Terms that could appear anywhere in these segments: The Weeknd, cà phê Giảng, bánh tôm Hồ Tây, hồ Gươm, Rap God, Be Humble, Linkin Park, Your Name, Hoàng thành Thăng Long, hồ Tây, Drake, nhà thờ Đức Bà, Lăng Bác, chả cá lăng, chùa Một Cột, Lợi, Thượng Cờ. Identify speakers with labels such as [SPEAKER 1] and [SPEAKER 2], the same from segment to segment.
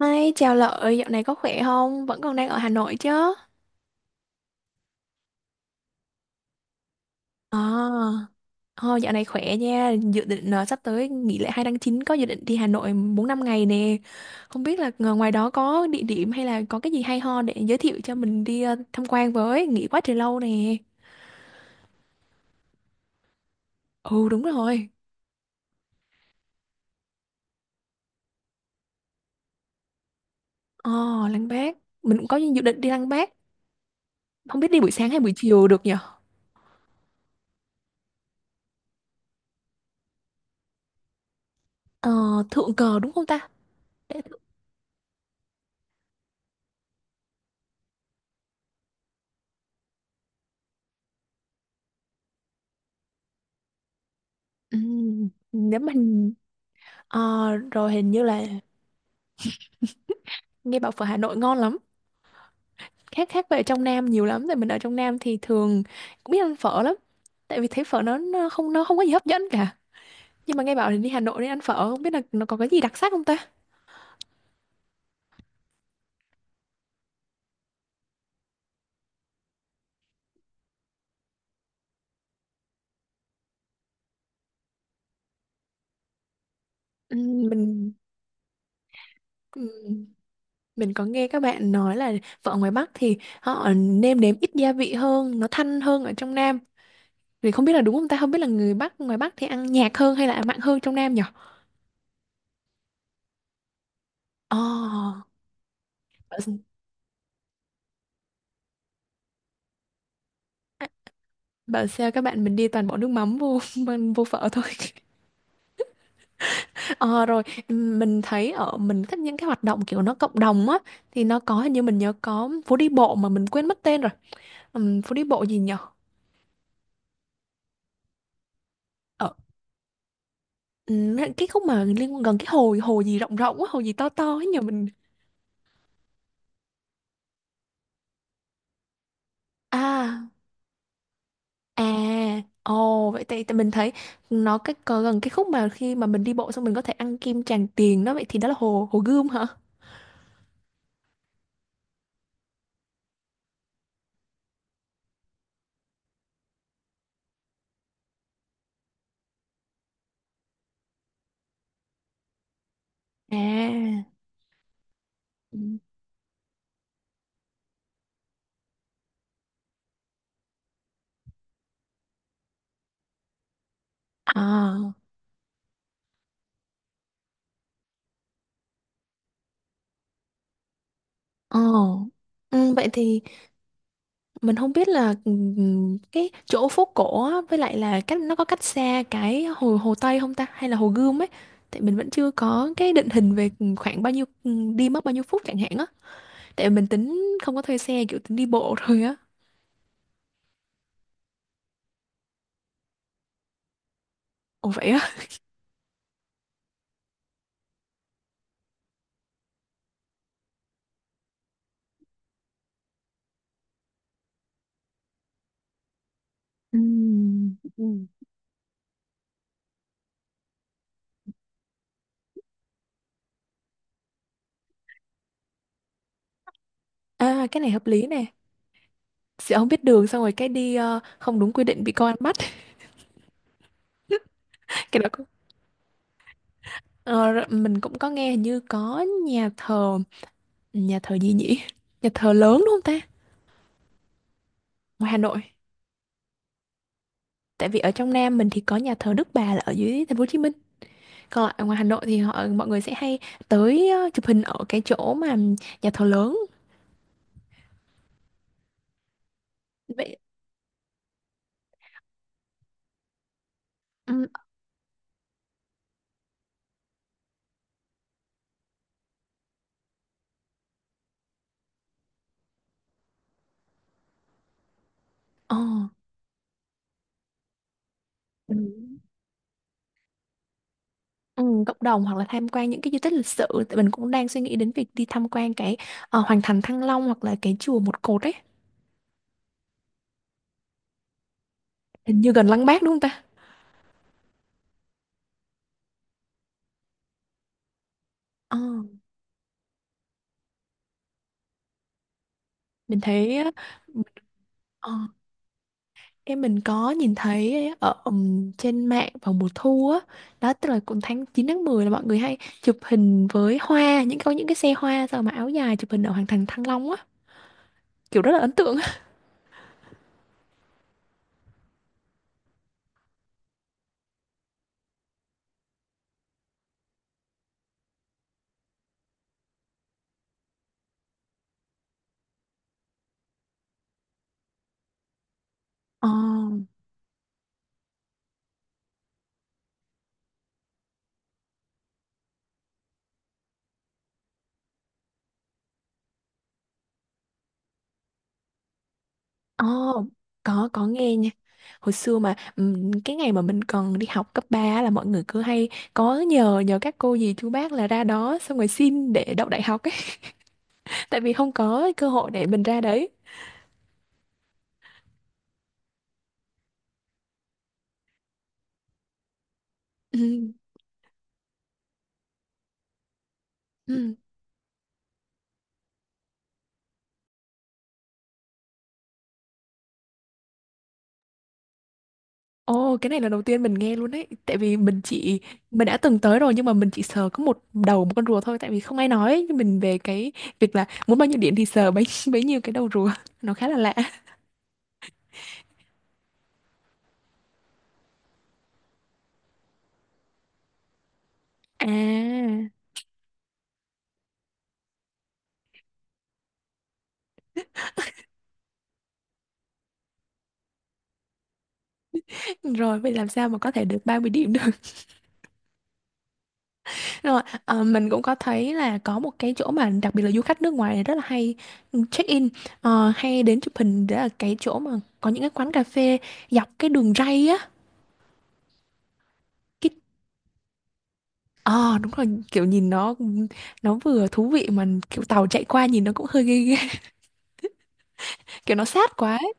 [SPEAKER 1] Hi, chào Lợi, dạo này có khỏe không? Vẫn còn đang ở Hà Nội chứ? À, ờ, dạo này khỏe nha. Dự định sắp tới nghỉ lễ 2/9 có dự định đi Hà Nội 4-5 ngày nè. Không biết là ngờ ngoài đó có địa điểm hay là có cái gì hay ho để giới thiệu cho mình đi tham quan với, nghỉ quá trời lâu nè. Ừ, đúng rồi. ờ, Lăng Bác, mình cũng có dự định đi Lăng Bác, không biết đi buổi sáng hay buổi chiều được nhỉ? Ờ, Thượng Cờ đúng không ta? Để... Ừ, nếu mình rồi hình như là nghe bảo phở Hà Nội ngon lắm, khác khác về ở trong Nam nhiều lắm. Tại mình ở trong Nam thì thường cũng biết ăn phở lắm, tại vì thấy phở nó không có gì hấp dẫn cả. Nhưng mà nghe bảo thì đi Hà Nội đi ăn phở, không biết là nó có cái gì đặc sắc không ta. Ừm, mình ừm, mình có nghe các bạn nói là phở ngoài Bắc thì họ nêm nếm ít gia vị hơn, nó thanh hơn ở trong Nam. Thì không biết là đúng không ta, không biết là người Bắc ngoài Bắc thì ăn nhạt hơn hay là mặn hơn trong Nam nhỉ. Ồ. bảo, bảo sao các bạn mình đi toàn bỏ nước mắm vô vô phở thôi. Ờ, rồi mình thấy ở mình thích những cái hoạt động kiểu nó cộng đồng á, thì nó có hình như mình nhớ có phố đi bộ mà mình quên mất tên rồi. Phố đi bộ gì nhở? Ở Cái khúc mà liên gần cái hồ hồ gì rộng rộng á, hồ gì to to ấy nhờ mình. À. À. Ồ, vậy thì mình thấy nó cái có gần cái khúc mà khi mà mình đi bộ xong mình có thể ăn kim Tràng Tiền đó. Vậy thì đó là hồ hồ Gươm hả? À, ừ. À. Ồ. Ừ, vậy thì mình không biết là cái chỗ phố cổ á, với lại là cách, nó có cách xa cái hồ hồ Tây không ta, hay là hồ Gươm ấy. Tại mình vẫn chưa có cái định hình về khoảng bao nhiêu, đi mất bao nhiêu phút chẳng hạn á. Tại vì mình tính không có thuê xe, kiểu tính đi bộ thôi á. Ồ vậy á? À, cái này hợp lý nè. Sẽ không biết đường, xong rồi cái đi không đúng quy định bị công an bắt. Cái đó cũng- ờ, Rồi mình cũng có nghe hình như có Nhà thờ gì nhỉ? Nhà thờ lớn đúng không ta, ngoài Hà Nội? Tại vì ở trong Nam mình thì có nhà thờ Đức Bà là ở dưới thành phố Hồ Chí Minh, còn lại ở ngoài Hà Nội thì mọi người sẽ hay tới chụp hình ở cái chỗ mà nhà thờ lớn. Vậy. Ừ. Ờ. Ừ. Ừ, cộng đồng hoặc là tham quan những cái di tích lịch sử, tại mình cũng đang suy nghĩ đến việc đi tham quan cái Hoàng thành Thăng Long hoặc là cái chùa Một Cột ấy. Hình như gần Lăng Bác đúng không ta? Ờ, mình thấy ờ, em mình có nhìn thấy ở trên mạng vào mùa thu á. Đó tức là cũng tháng 9, tháng 10 là mọi người hay chụp hình với hoa, những có những cái xe hoa sao mà áo dài chụp hình ở Hoàng thành Thăng Long á, kiểu rất là ấn tượng á. Ờ. Ờ, có nghe nha. Hồi xưa mà cái ngày mà mình còn đi học cấp 3 á là mọi người cứ hay có nhờ nhờ các cô dì chú bác là ra đó xong rồi xin để đậu đại học ấy, tại vì không có cơ hội để mình ra đấy. Ừ. Ừ. Ồ, cái này là đầu tiên mình nghe luôn đấy. Tại vì mình đã từng tới rồi nhưng mà mình chỉ sờ có một đầu một con rùa thôi tại vì không ai nói ấy. Nhưng mình về cái việc là muốn bao nhiêu điện thì sờ bấy bấy nhiêu cái đầu rùa. Nó khá là lạ. À, rồi vậy làm sao mà có thể được 30 điểm được. Rồi, mình cũng có thấy là có một cái chỗ mà đặc biệt là du khách nước ngoài rất là hay check-in, hay đến chụp hình, đó là cái chỗ mà có những cái quán cà phê dọc cái đường ray á. cái Ờ đúng rồi, kiểu nhìn nó vừa thú vị mà kiểu tàu chạy qua nhìn nó cũng hơi ghê ghê, kiểu nó sát quá ấy.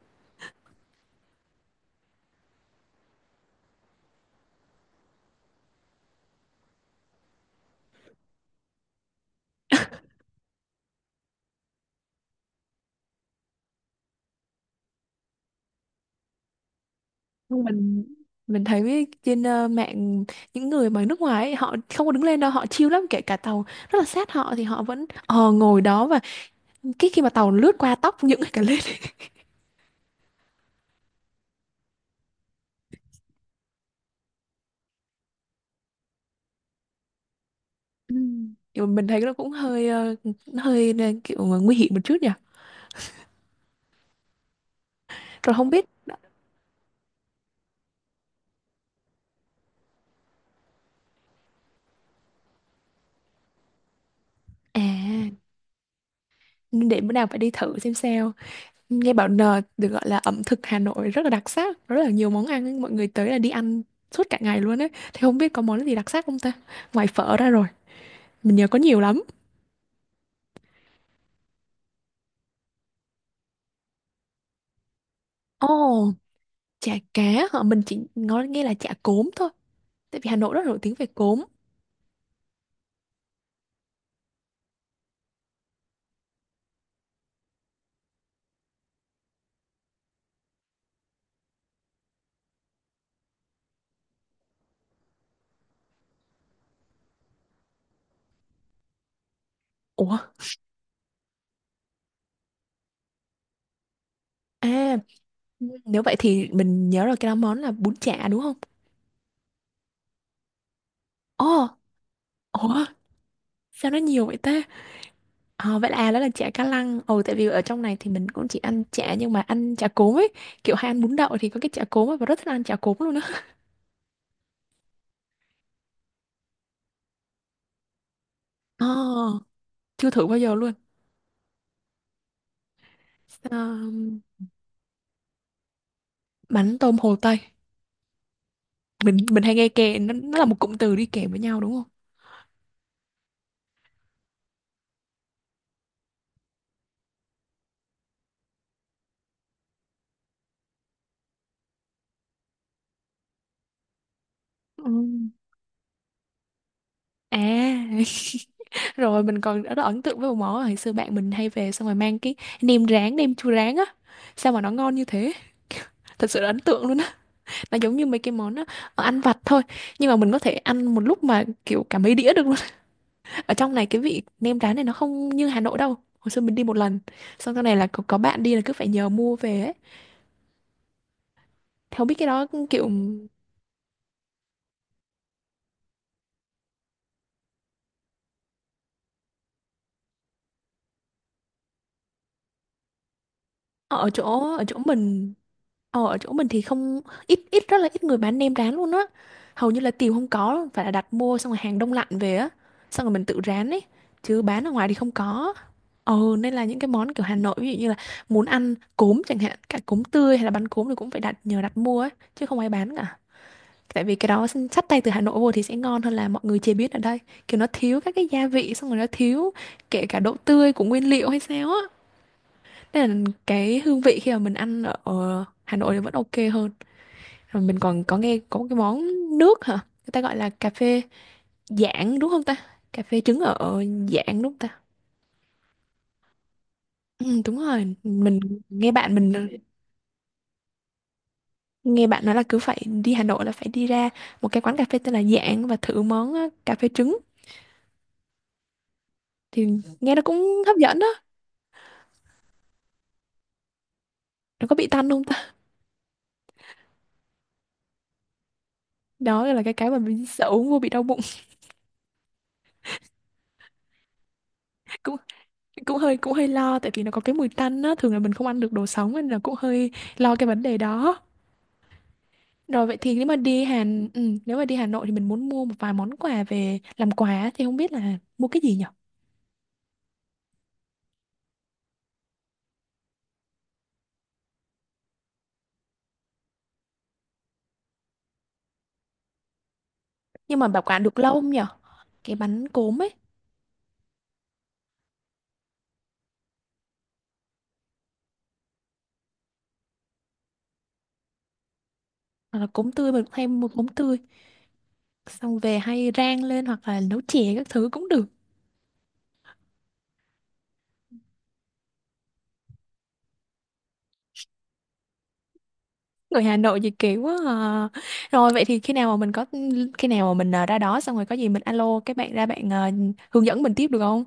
[SPEAKER 1] Nhưng mình thấy trên mạng, những người mà nước ngoài ấy, họ không có đứng lên đâu, họ chill lắm, kể cả tàu rất là sát họ thì họ vẫn ngồi đó, và cái khi mà tàu lướt qua tóc những cái cả lên. Ừ. Kiểu mình thấy nó cũng hơi nó hơi, nguy hiểm một chút nhỉ. Rồi không biết. À, để bữa nào phải đi thử xem sao. Nghe bảo được gọi là ẩm thực Hà Nội rất là đặc sắc, rất là nhiều món ăn ấy, mọi người tới là đi ăn suốt cả ngày luôn ấy. Thì không biết có món gì đặc sắc không ta? Ngoài phở ra rồi, mình nhớ có nhiều lắm. Ồ, chả cá hả? Mình chỉ nói nghe là chả cốm thôi, tại vì Hà Nội rất nổi tiếng về cốm. Ủa, à, nếu vậy thì mình nhớ rồi, cái đó món là bún chả đúng không? Ồ. Ủa, sao nó nhiều vậy ta? Ờ, vậy là à, đó là chả cá lăng. Ồ, tại vì ở trong này thì mình cũng chỉ ăn chả nhưng mà ăn chả cốm ấy. Kiểu hay ăn bún đậu thì có cái chả cốm ấy, và rất thích ăn chả cốm luôn á. Ờ, chưa thử bao giờ luôn. Ờ, bánh tôm Hồ Tây. Mình hay nghe kèm nó là một cụm từ đi kèm với nhau đúng không? Ừ. À, rồi mình còn rất là ấn tượng với một món là hồi xưa bạn mình hay về xong rồi mang cái nem rán, nem chua rán á. Sao mà nó ngon như thế? Thật sự là ấn tượng luôn. Nó giống như mấy cái món ăn vặt thôi, nhưng mà mình có thể ăn một lúc mà kiểu cả mấy đĩa được luôn. Ở trong này cái vị nem rán này nó không như Hà Nội đâu. Hồi xưa mình đi một lần, xong sau này là có bạn đi là cứ phải nhờ mua về ấy. Thế biết cái đó kiểu ở chỗ mình. Ờ, ở chỗ mình thì không ít ít rất là ít người bán nem rán luôn á, hầu như là tìm không có, phải là đặt mua xong rồi hàng đông lạnh về á, xong rồi mình tự rán ấy, chứ bán ở ngoài thì không có. Ờ, nên là những cái món kiểu Hà Nội, ví dụ như là muốn ăn cốm chẳng hạn, cả cốm tươi hay là bánh cốm thì cũng phải đặt, nhờ đặt mua ấy, chứ không ai bán cả. Tại vì cái đó xin- xách tay từ Hà Nội vô thì sẽ ngon hơn là mọi người chế biến ở đây, kiểu nó thiếu các cái gia vị, xong rồi nó thiếu kể cả độ tươi của nguyên liệu hay sao á, nên là cái hương vị khi mà mình ăn ở ở Hà Nội thì vẫn ok hơn. Rồi mình còn có nghe có một cái món nước hả? Người ta gọi là cà phê Giảng đúng không ta? Cà phê trứng ở Giảng đúng không ta? Ừ, đúng rồi, mình nghe bạn nói là cứ phải đi Hà Nội là phải đi ra một cái quán cà phê tên là Giảng và thử món cà phê trứng, thì nghe nó cũng hấp dẫn đó. Nó có bị tanh không ta? Đó là cái mà mình sợ uống vô bị đau bụng. Cũng cũng hơi lo tại vì nó có cái mùi tanh á, thường là mình không ăn được đồ sống nên là cũng hơi lo cái vấn đề đó. Rồi vậy thì nếu mà đi Hà Ừ, nếu mà đi Hà Nội thì mình muốn mua một vài món quà về làm quà thì không biết là mua cái gì nhở. Nhưng mà bảo quản được lâu không nhở? Cái bánh cốm ấy, hoặc là cốm tươi, mình hay mua cốm tươi. Xong về hay rang lên hoặc là nấu chè các thứ cũng được. Người Hà Nội gì kỳ quá à. Rồi vậy thì khi nào mà mình có, khi nào mà mình à, ra đó xong rồi có gì mình alo các bạn ra, bạn à, hướng dẫn mình tiếp được không?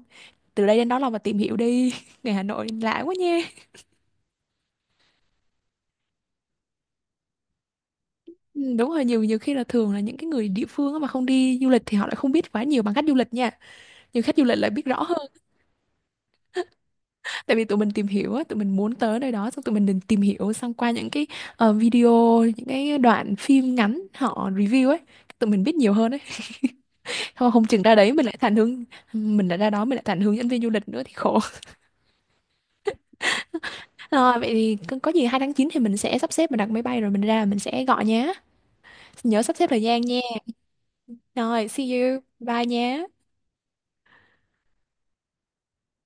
[SPEAKER 1] Từ đây đến đó là mà tìm hiểu đi. Người Hà Nội lạ quá nha. Ừ, đúng rồi, nhiều nhiều khi là thường là những cái người địa phương á mà không đi du lịch thì họ lại không biết quá nhiều bằng khách du lịch nha, nhưng khách du lịch lại biết rõ hơn. Tại vì tụi mình tìm hiểu á, tụi mình muốn tới nơi đó xong tụi mình định tìm hiểu xong qua những cái video, những cái đoạn phim ngắn họ review ấy, tụi mình biết nhiều hơn ấy. Không chừng ra đấy mình lại ra đó mình lại thành hướng dẫn viên du lịch nữa thì khổ. Rồi vậy thì có gì 2/9 thì mình sẽ sắp xếp, mình đặt máy bay rồi mình ra, mình sẽ gọi nhé. Nhớ sắp xếp thời gian nha. Rồi, see you, bye nhé.